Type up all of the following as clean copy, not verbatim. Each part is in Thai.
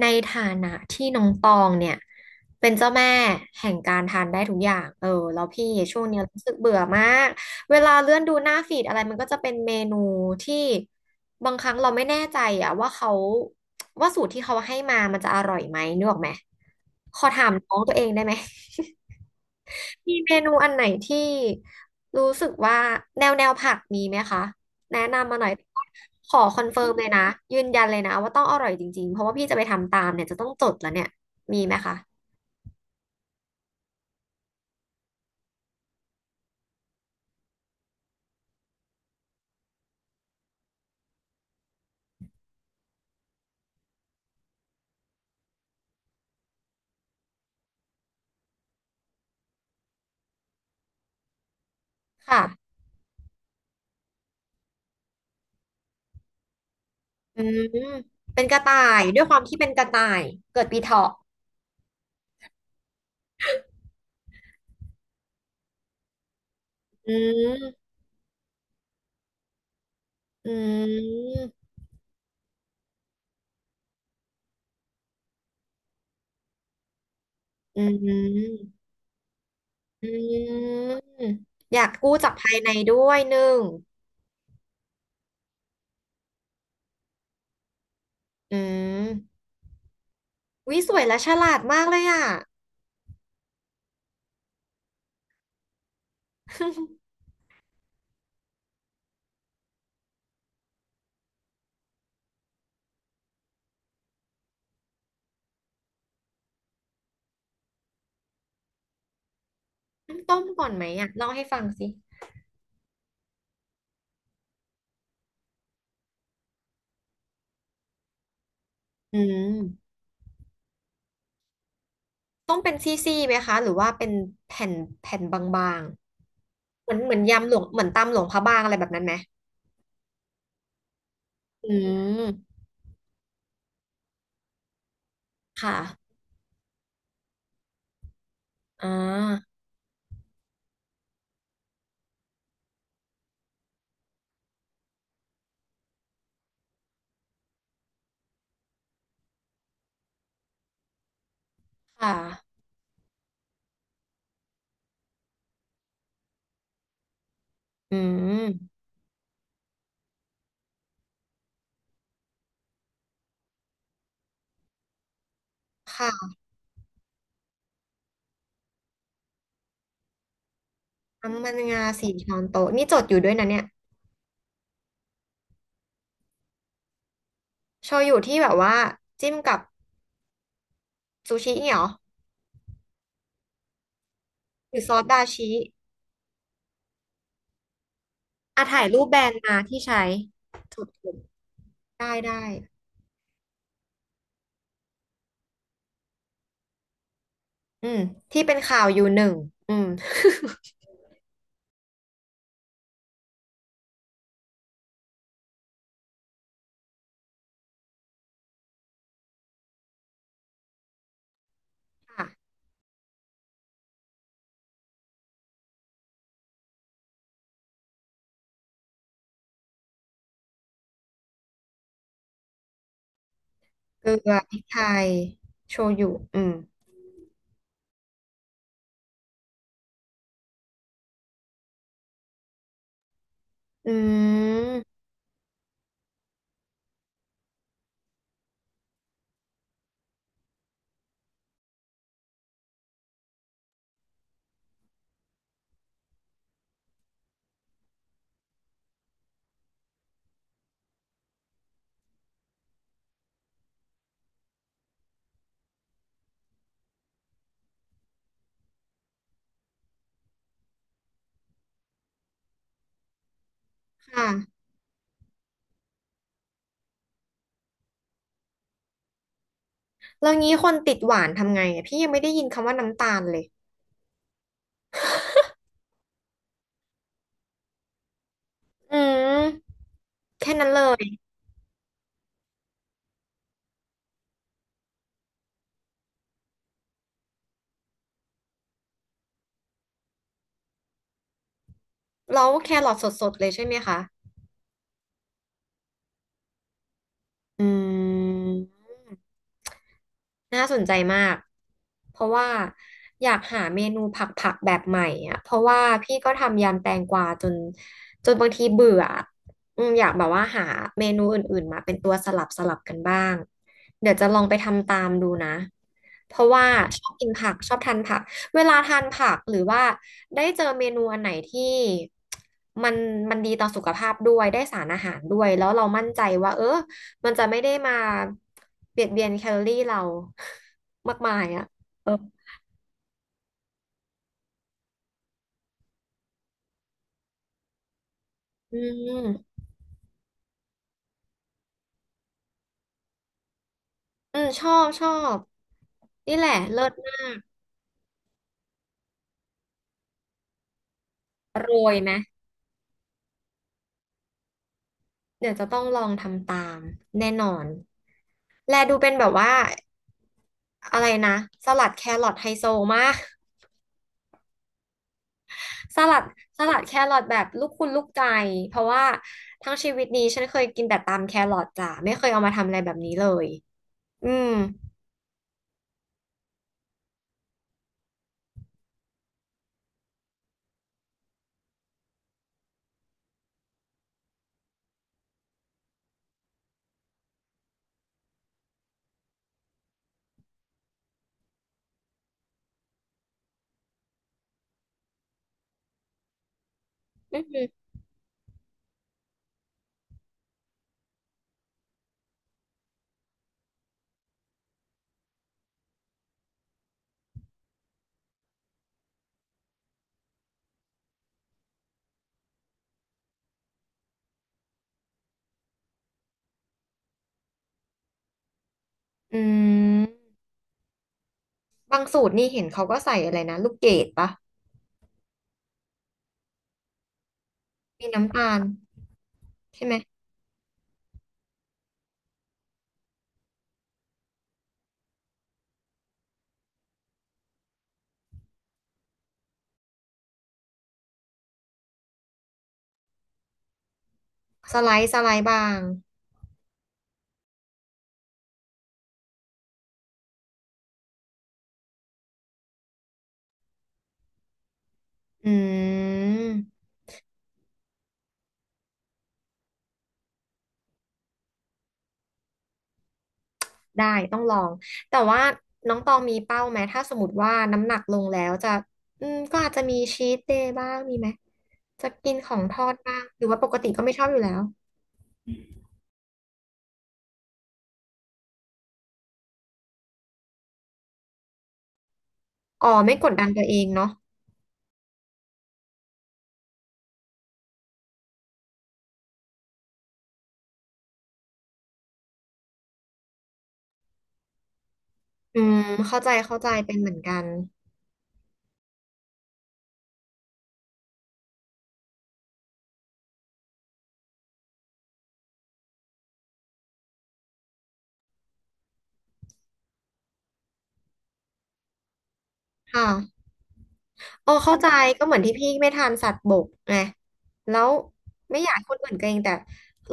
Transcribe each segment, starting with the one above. ในฐานะที่น้องตองเนี่ยเป็นเจ้าแม่แห่งการทานได้ทุกอย่างแล้วพี่ช่วงเนี้ยรู้สึกเบื่อมากเวลาเลื่อนดูหน้าฟีดอะไรมันก็จะเป็นเมนูที่บางครั้งเราไม่แน่ใจอะว่าเขาว่าสูตรที่เขาให้มามันจะอร่อยไหมนึกออกไหมขอถามน้องตัวเองได้ไหม มีเมนูอันไหนที่รู้สึกว่าแนวผักมีไหมคะแนะนำมาหน่อยขอคอนเฟิร์มเลยนะยืนยันเลยนะว่าต้องอร่อยจริงๆเพราะว่าพี่จะไปทำตามเนี่ยจะต้องจดแล้วเนี่ยมีไหมคะค่ะอืมเป็นกระต่ายด้วยความที่เป็นกระต่ายเกิดปีเถาะอืมอืมอืมอืมอยากกู้จากภายในด้วยหนึ่งอืมวิสวยและฉลาดมากเลยอ่ะ ต้มก่อนไหมอ่ะเล่าให้ฟังสิอืมต้มเป็นซี่ๆไหมคะหรือว่าเป็นแผ่นแผ่นบางๆเหมือนยำหลวงเหมือนตำหลวงพระบางอะไรแบบนั้นไหมอืมค่ะอ่าค่ะอืมค่ะน้ำมันงา4 ช้อนโต๊ะนี่จดอยู่ด้วยนะเนี่ยโชยุที่แบบว่าจิ้มกับซูชิเนี่ยเหรอหรือซอสดาชิอ่ะถ่ายรูปแบรนด์มาที่ใช้จดๆได้ได้อืมที่เป็นข่าวอยู่หนึ่งอืม ค่ะ เกลือพริกไทยโชยุอืม อืม ค่ะแล้วงี้คนติดหวานทำไงอะพี่ยังไม่ได้ยินคำว่าน้ำตาลเลย อืม แค่นั้นเลย แล้วแครอทสดๆเลยใช่ไหมคะ อืม น่าสนใจมาก เพราะว่าอยากหาเมนูผักผักแบบใหม่อ่ะเพราะว่าพี่ก็ทำยำแตงกวาจนจนบางทีเบื่ออะอืมอยากแบบว่าหาเมนูอื่นๆมาเป็นตัวสลับกันบ้างเดี๋ยวจะลองไปทำตามดูนะเพราะว่าชอบกินผักชอบทานผักเวลาทานผักหรือว่าได้เจอเมนูอันไหนที่มันมันดีต่อสุขภาพด้วยได้สารอาหารด้วยแล้วเรามั่นใจว่าเออ มันจะไม่ได้มาเบียดเบียนแคลอรี่เรา มากมายอ่ะเอออืมอืมชอบชอบนี่แหละเลิศมากโรยไหมเดี๋ยวจะต้องลองทำตามแน่นอน แลดูเป็นแบบว่าอะไรนะสลัดแครอทไฮโซมากสลัดแครอทแบบลูกคุณลูกใจเพราะว่าทั้งชีวิตนี้ฉันเคยกินแต่ตามแครอทจ้ะไม่เคยเอามาทำอะไรแบบนี้เลยอืมอืมอืม บางสูตรนี่เห็นเขาก็ใส่อะไรนะลูกเกดปะมีน้ำตาลใช่ไหมสไลด์บางอืมได้ต้องลองแต่ว่าน้องตองมีเป้าไหมถ้าสมมติว่าน้ำหนักลงแล้วจะอืมก็อาจจะมีชีทเดย์บ้างมีไหมจะกินของทอดบ้างหรือว่าปกติก็ไม่ชอบอยู่แล้วอ๋อไม่กดดันตัวเองเนาะอืมเข้าใจเป็นเหมือนกันค่ะ เออเข้าใจก็เหมือนที่พี่ไม่ทานสัตว์บกไงแล้วไม่อยากให้คนอื่นเกรงแต่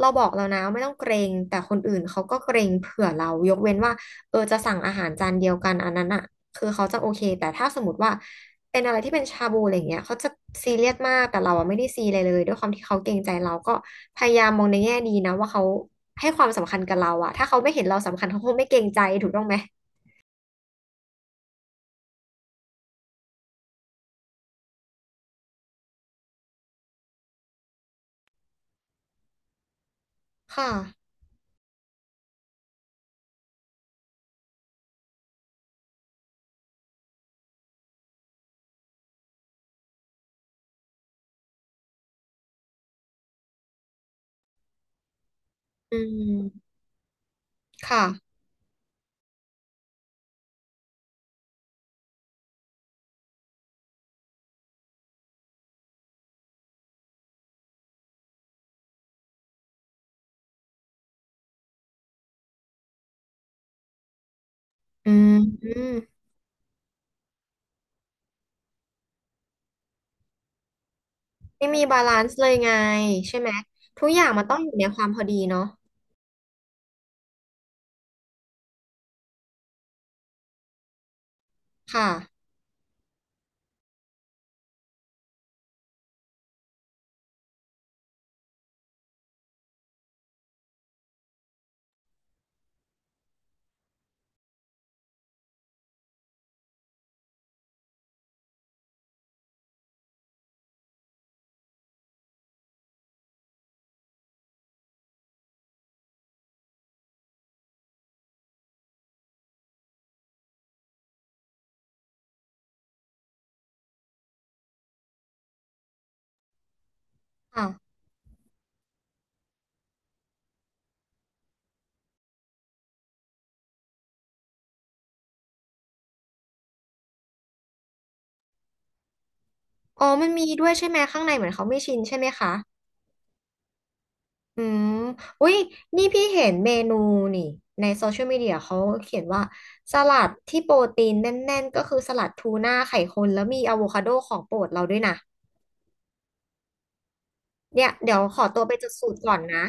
เราบอกเรานะว่าไม่ต้องเกรงแต่คนอื่นเขาก็เกรงเผื่อเรายกเว้นว่าเออจะสั่งอาหารจานเดียวกันอันนั้นอ่ะคือเขาจะโอเคแต่ถ้าสมมติว่าเป็นอะไรที่เป็นชาบูอะไรอย่างเงี้ยเขาจะซีเรียสมากแต่เราอ่ะไม่ได้ซีเลยเลยด้วยความที่เขาเกรงใจเราก็พยายามมองในแง่ดีนะว่าเขาให้ความสำคัญกับเราอ่ะถ้าเขาไม่เห็นเราสำคัญเขาคงไม่เกรงใจถูกต้องไหมค่ะอืมค่ะอืม ไม่มีบาลานซ์เลยไงใช่ไหมทุกอย่างมันต้องอยู่ในความพอดีเนาะค่ะค่ะอ๋อมันมีด้วยใช่ไหมข้างในเหมือนเขาไม่ชินใช่ไหมคะอืมอุ้ยนี่พี่เห็นเมนูนี่ในโซเชียลมีเดียเขาเขียนว่าสลัดที่โปรตีนแน่นๆก็คือสลัดทูน่าไข่คนแล้วมีอะโวคาโดของโปรดเราด้วยนะเนี่ยเดี๋ยวขอตัวไปจดสูตรก่อนนะ